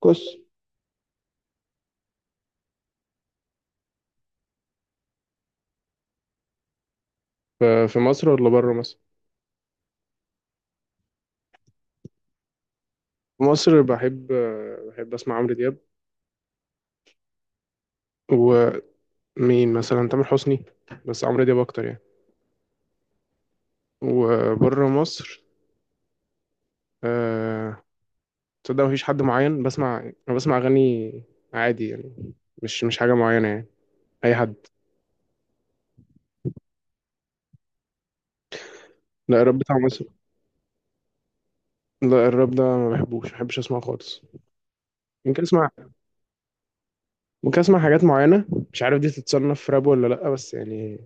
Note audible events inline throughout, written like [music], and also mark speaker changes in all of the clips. Speaker 1: كوس ف- في مصر ولا بره مصر؟ في مصر بحب اسمع عمرو دياب. ومين مثلا؟ تامر حسني، بس عمرو دياب اكتر يعني. وبره مصر، آه، تصدق مفيش حد معين بسمع. انا بسمع اغاني عادي يعني، مش حاجه معينه يعني. اي حد. لا الراب بتاع مصر. لا الراب ده ما بحبش اسمعه خالص. ممكن اسمع ممكن اسمع حاجات معينه. مش عارف دي تتصنف راب ولا لا بس يعني.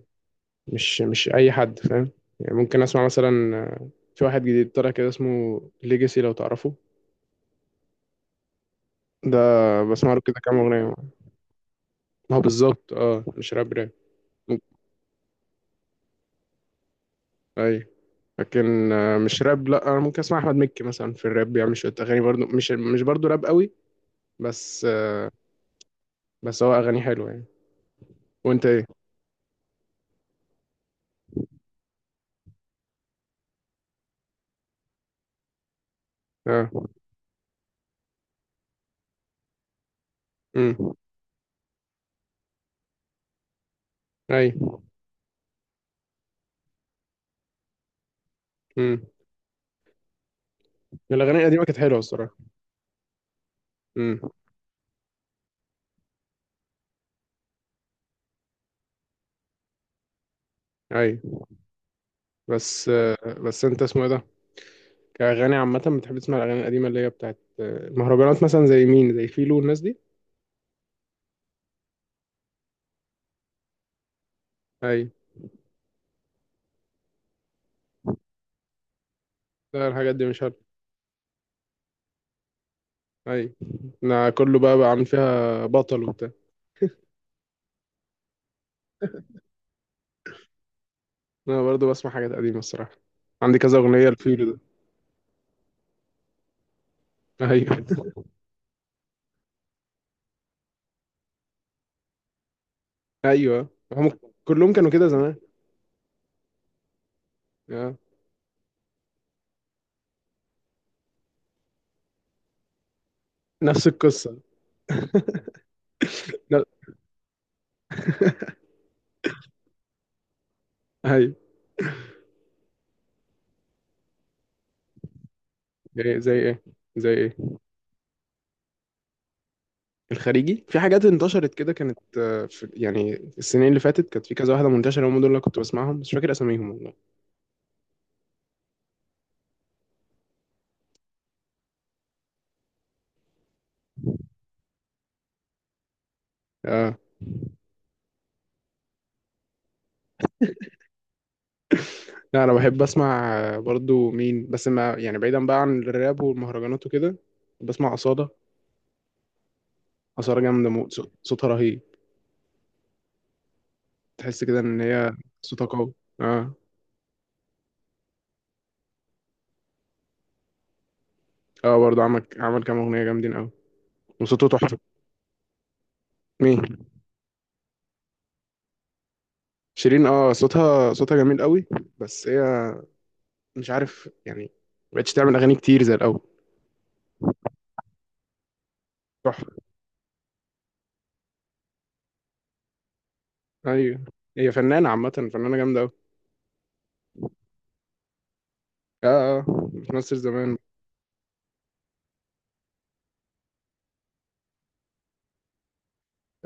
Speaker 1: مش اي حد فاهم. يعني ممكن اسمع مثلا، في واحد جديد طلع كده اسمه ليجاسي لو تعرفه. ده بسمع له كده كام اغنيه. ما هو بالظبط، اه، مش راب راب. ممكن. اي. لكن مش راب، لا انا ممكن اسمع احمد مكي مثلا، في الراب بيعمل شويه اغاني برضو، مش برضو راب قوي. بس آه، بس هو اغاني حلوه يعني. وانت ايه؟ اه. امم. اي. امم. الاغاني القديمه كانت حلوه الصراحه. امم. اي. بس آه، بس انت اسمه ايه ده؟ كأغاني عامة بتحب تسمع الأغاني القديمة اللي هي بتاعت المهرجانات، مثلا زي مين؟ زي فيلو والناس دي. أي. لا الحاجات دي مش عارف. أي. أنا كله بقى عامل فيها بطل وبتاع. أنا برضو بسمع حاجات قديمة الصراحة. عندي كذا أغنية لفيلو ده. أيوه [laughs] أيوه هم. كلهم كانوا كده زمان. آه. نفس القصة. لا. أيوه. إيه، زي إيه؟ زي إيه؟ الخارجي في حاجات انتشرت كده، كانت في يعني السنين اللي فاتت كانت في كذا واحدة منتشرة، هم دول اللي كنت بسمعهم بس مش فاكر أساميهم والله. آه. لا انا بحب اسمع، برضو مين بس ما يعني، بعيدا بقى عن الراب والمهرجانات وكده، بسمع أصالة. أصالة جامدة موت، صوتها رهيب. تحس كده ان هي صوتها قوي. اه. اه برضو عمل كام اغنية جامدين قوي، وصوته تحفة. مين؟ شيرين. اه صوتها جميل قوي. بس هي مش عارف يعني، ما بقتش تعمل اغاني كتير زي الاول. تحفة. ايوه هي فنانة عامة، فنانة جامدة قوي. اه. اه بتمثل زمان.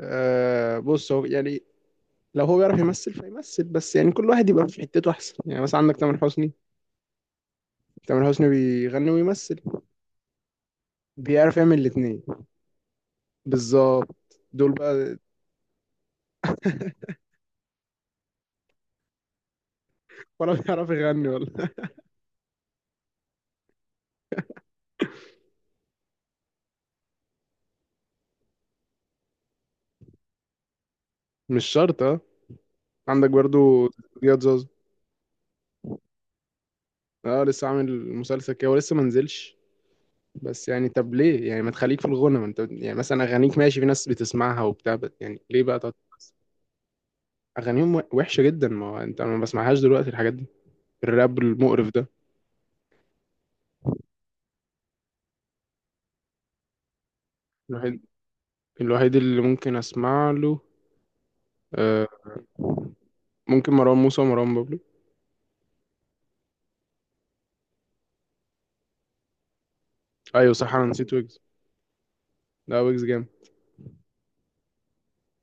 Speaker 1: آه بص، هو يعني لو هو بيعرف يمثل فيمثل، بس يعني كل واحد يبقى في حتته احسن. يعني مثلا عندك تامر حسني، تامر حسني بيغني ويمثل. بيعرف يعمل الاتنين. بالظبط دول بقى. ولا بيعرف يغني ولا. [laughs] مش شرط اه. عندك برضو زياد زوزو. اه لسه عامل مسلسل كده ولسه ما نزلش. بس يعني طب ليه يعني ما تخليك في الغنى؟ ما انت يعني مثلا اغانيك ماشي، في ناس بتسمعها وبتاع، بس يعني ليه بقى اغانيهم وحشه جدا، ما هو انت ما بسمعهاش دلوقتي الحاجات دي، الراب المقرف ده. الوحيد، الوحيد اللي ممكن اسمع له، آه، ممكن مروان موسى ومروان بابلو. ايوه صح انا نسيت ويجز. لا ويجز جامد.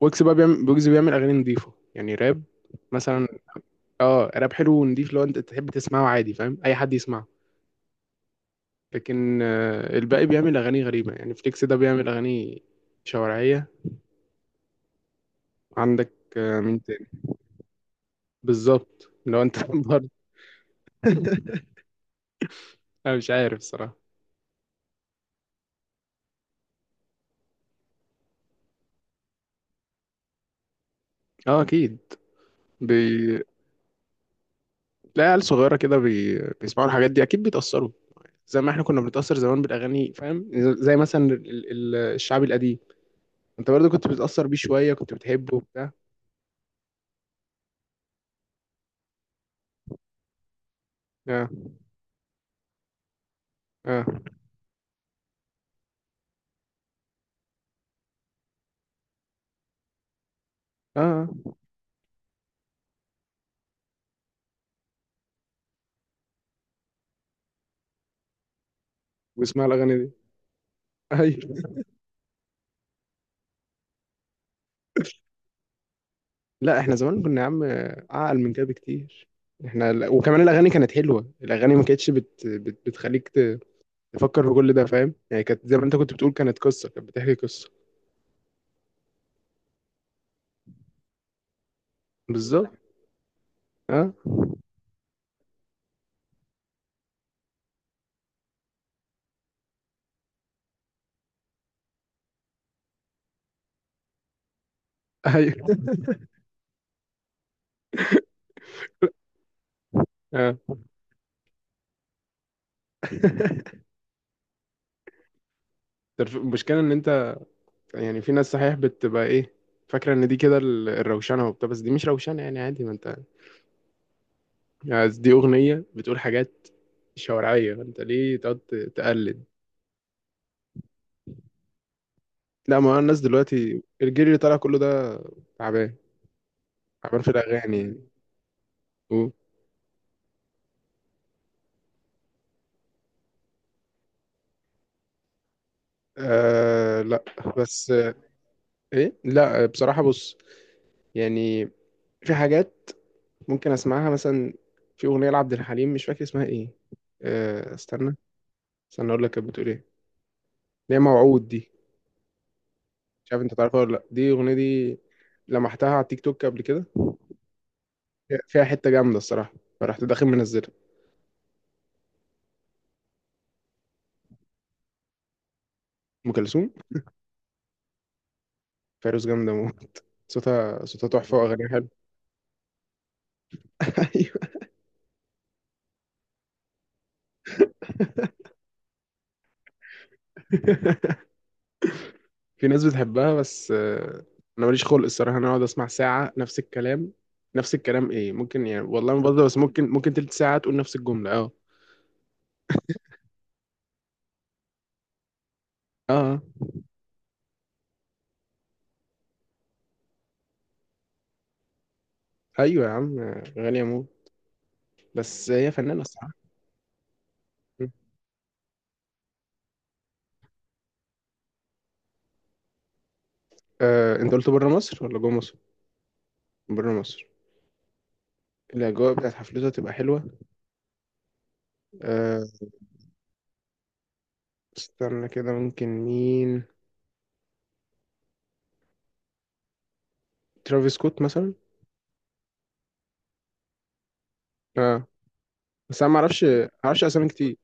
Speaker 1: ويجز بيعمل اغاني نضيفه يعني راب، مثلا. اه راب حلو ونضيف، لو انت تحب تسمعه عادي فاهم، اي حد يسمعه. لكن الباقي بيعمل اغاني غريبه، يعني فليكس ده بيعمل اغاني شوارعيه. عندك مين تاني؟ بالظبط لو انت [laughs] برضه انا مش عارف الصراحه. اه اكيد. بي... تلاقي عيال صغيره كده بيسمعوا الحاجات دي، اكيد بيتاثروا زي ما احنا كنا بنتاثر زمان بالاغاني فاهم. زي مثلا الشعب القديم. انت برضه كنت بتأثر بيه شوية، كنت بتحبه وبتاع. اه اه اه. آه. واسمع الأغاني دي. [laughs] ايوه. لا احنا زمان كنا يا عم اعقل من كده بكتير. احنا وكمان الأغاني كانت حلوة، الأغاني ما كانتش بتخليك تفكر في كل ده فاهم؟ يعني كانت زي ما انت كنت بتقول، كانت قصة، كانت بتحكي قصة. بالظبط. اه. ايوه. اه. [laughs] المشكلة ان انت يعني، في ناس صحيح بتبقى ايه؟ فاكرة ان دي كده الروشنة وبتاع، بس دي مش روشنة يعني عادي ما انت، يعني دي أغنية بتقول حاجات شوارعية، انت ليه تقعد تقلد؟ لا ما هو الناس دلوقتي الجيل اللي طالع كله ده تعبان، تعبان في الأغاني يعني، و... آه لا. بس آه، ايه لا بصراحة، بص يعني في حاجات ممكن اسمعها مثلا، في أغنية لعبد الحليم مش فاكر اسمها ايه، استنى، استنى اقول لك كانت بتقول ايه، اللي هي موعود دي. مش عارف انت تعرفها ولا لا دي الأغنية دي؟ لمحتها على التيك توك قبل كده. فيها حتة جامدة الصراحة. فرحت داخل منزلها. أم كلثوم؟ فيروز جامدة موت، صوتها تحفة والله، وأغانيها حلوة. [laughs] أيوة. [laughs] في ناس بتحبها بس، أنا ماليش خلق الصراحة، أنا أقعد أسمع ساعة نفس الكلام، نفس الكلام إيه؟ ممكن يعني والله ما بهزر، بس ممكن تلت ساعة تقول نفس الجملة، أه. أه. أيوة يا عم، غالية موت. بس هي فنانة الصراحة. أنت قلت بره مصر ولا جوه مصر؟ بره مصر. الأجواء بتاعت حفلته هتبقى حلوة. آه، استنى كده، ممكن مين؟ ترافيس سكوت مثلا. أه بس أنا معرفش، معرفش أسامي كتير.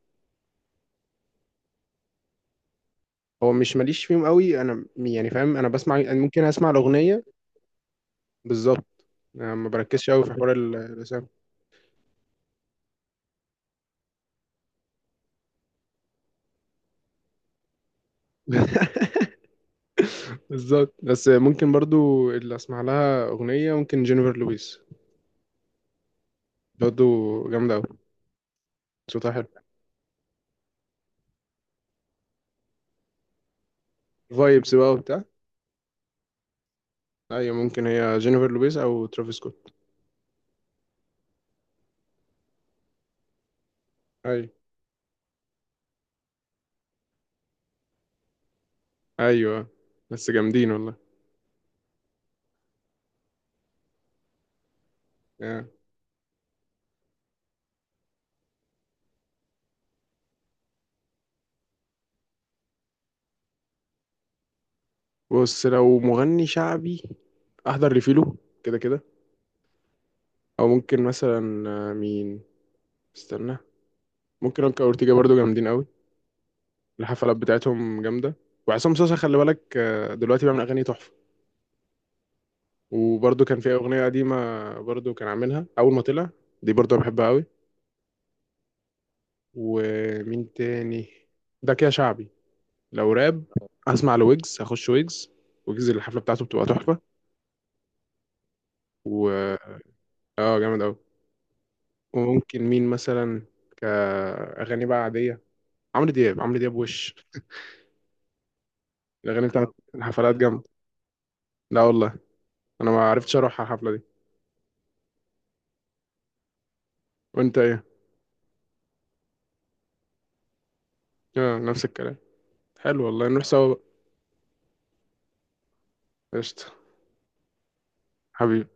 Speaker 1: هو مش ماليش فيهم قوي، انا يعني فاهم، انا بسمع، أنا ممكن اسمع الاغنيه. بالظبط. أنا ما بركزش قوي في حوار الرسام. [laughs] بالظبط، بس ممكن برضو اللي اسمع لها اغنيه، ممكن جينيفر لويس برضو جامده قوي، صوتها حلو. فايبس بقى وبتاع. ايوه ممكن هي جينيفر لويس او ترافيس سكوت. ايوه. ايوه بس جامدين والله. آه. بص لو مغني شعبي، احضر لفيلو كده كده. او ممكن مثلا، مين؟ استنى. ممكن اوكا اورتيجا برضو جامدين قوي، الحفلات بتاعتهم جامدة. وعصام صاصا، خلي بالك، دلوقتي بيعمل أغاني تحفة. وبرضه كان في أغنية قديمة، برضه كان عاملها أول ما طلع، دي برضه أنا بحبها أوي. ومين تاني؟ ده كده شعبي. لو راب، هسمع لويجز، هخش ويجز. ويجز الحفلة بتاعته بتبقى تحفة. و اه جامد أوي. وممكن مين مثلا كأغاني بقى عادية؟ عمرو دياب، عمرو دياب، وش الأغاني بتاعت الحفلات جامدة. لا والله أنا ما عرفتش أروح على الحفلة دي. وأنت إيه؟ اه نفس الكلام. حلو والله نروح سوا بقى. قشطة. حبيبي.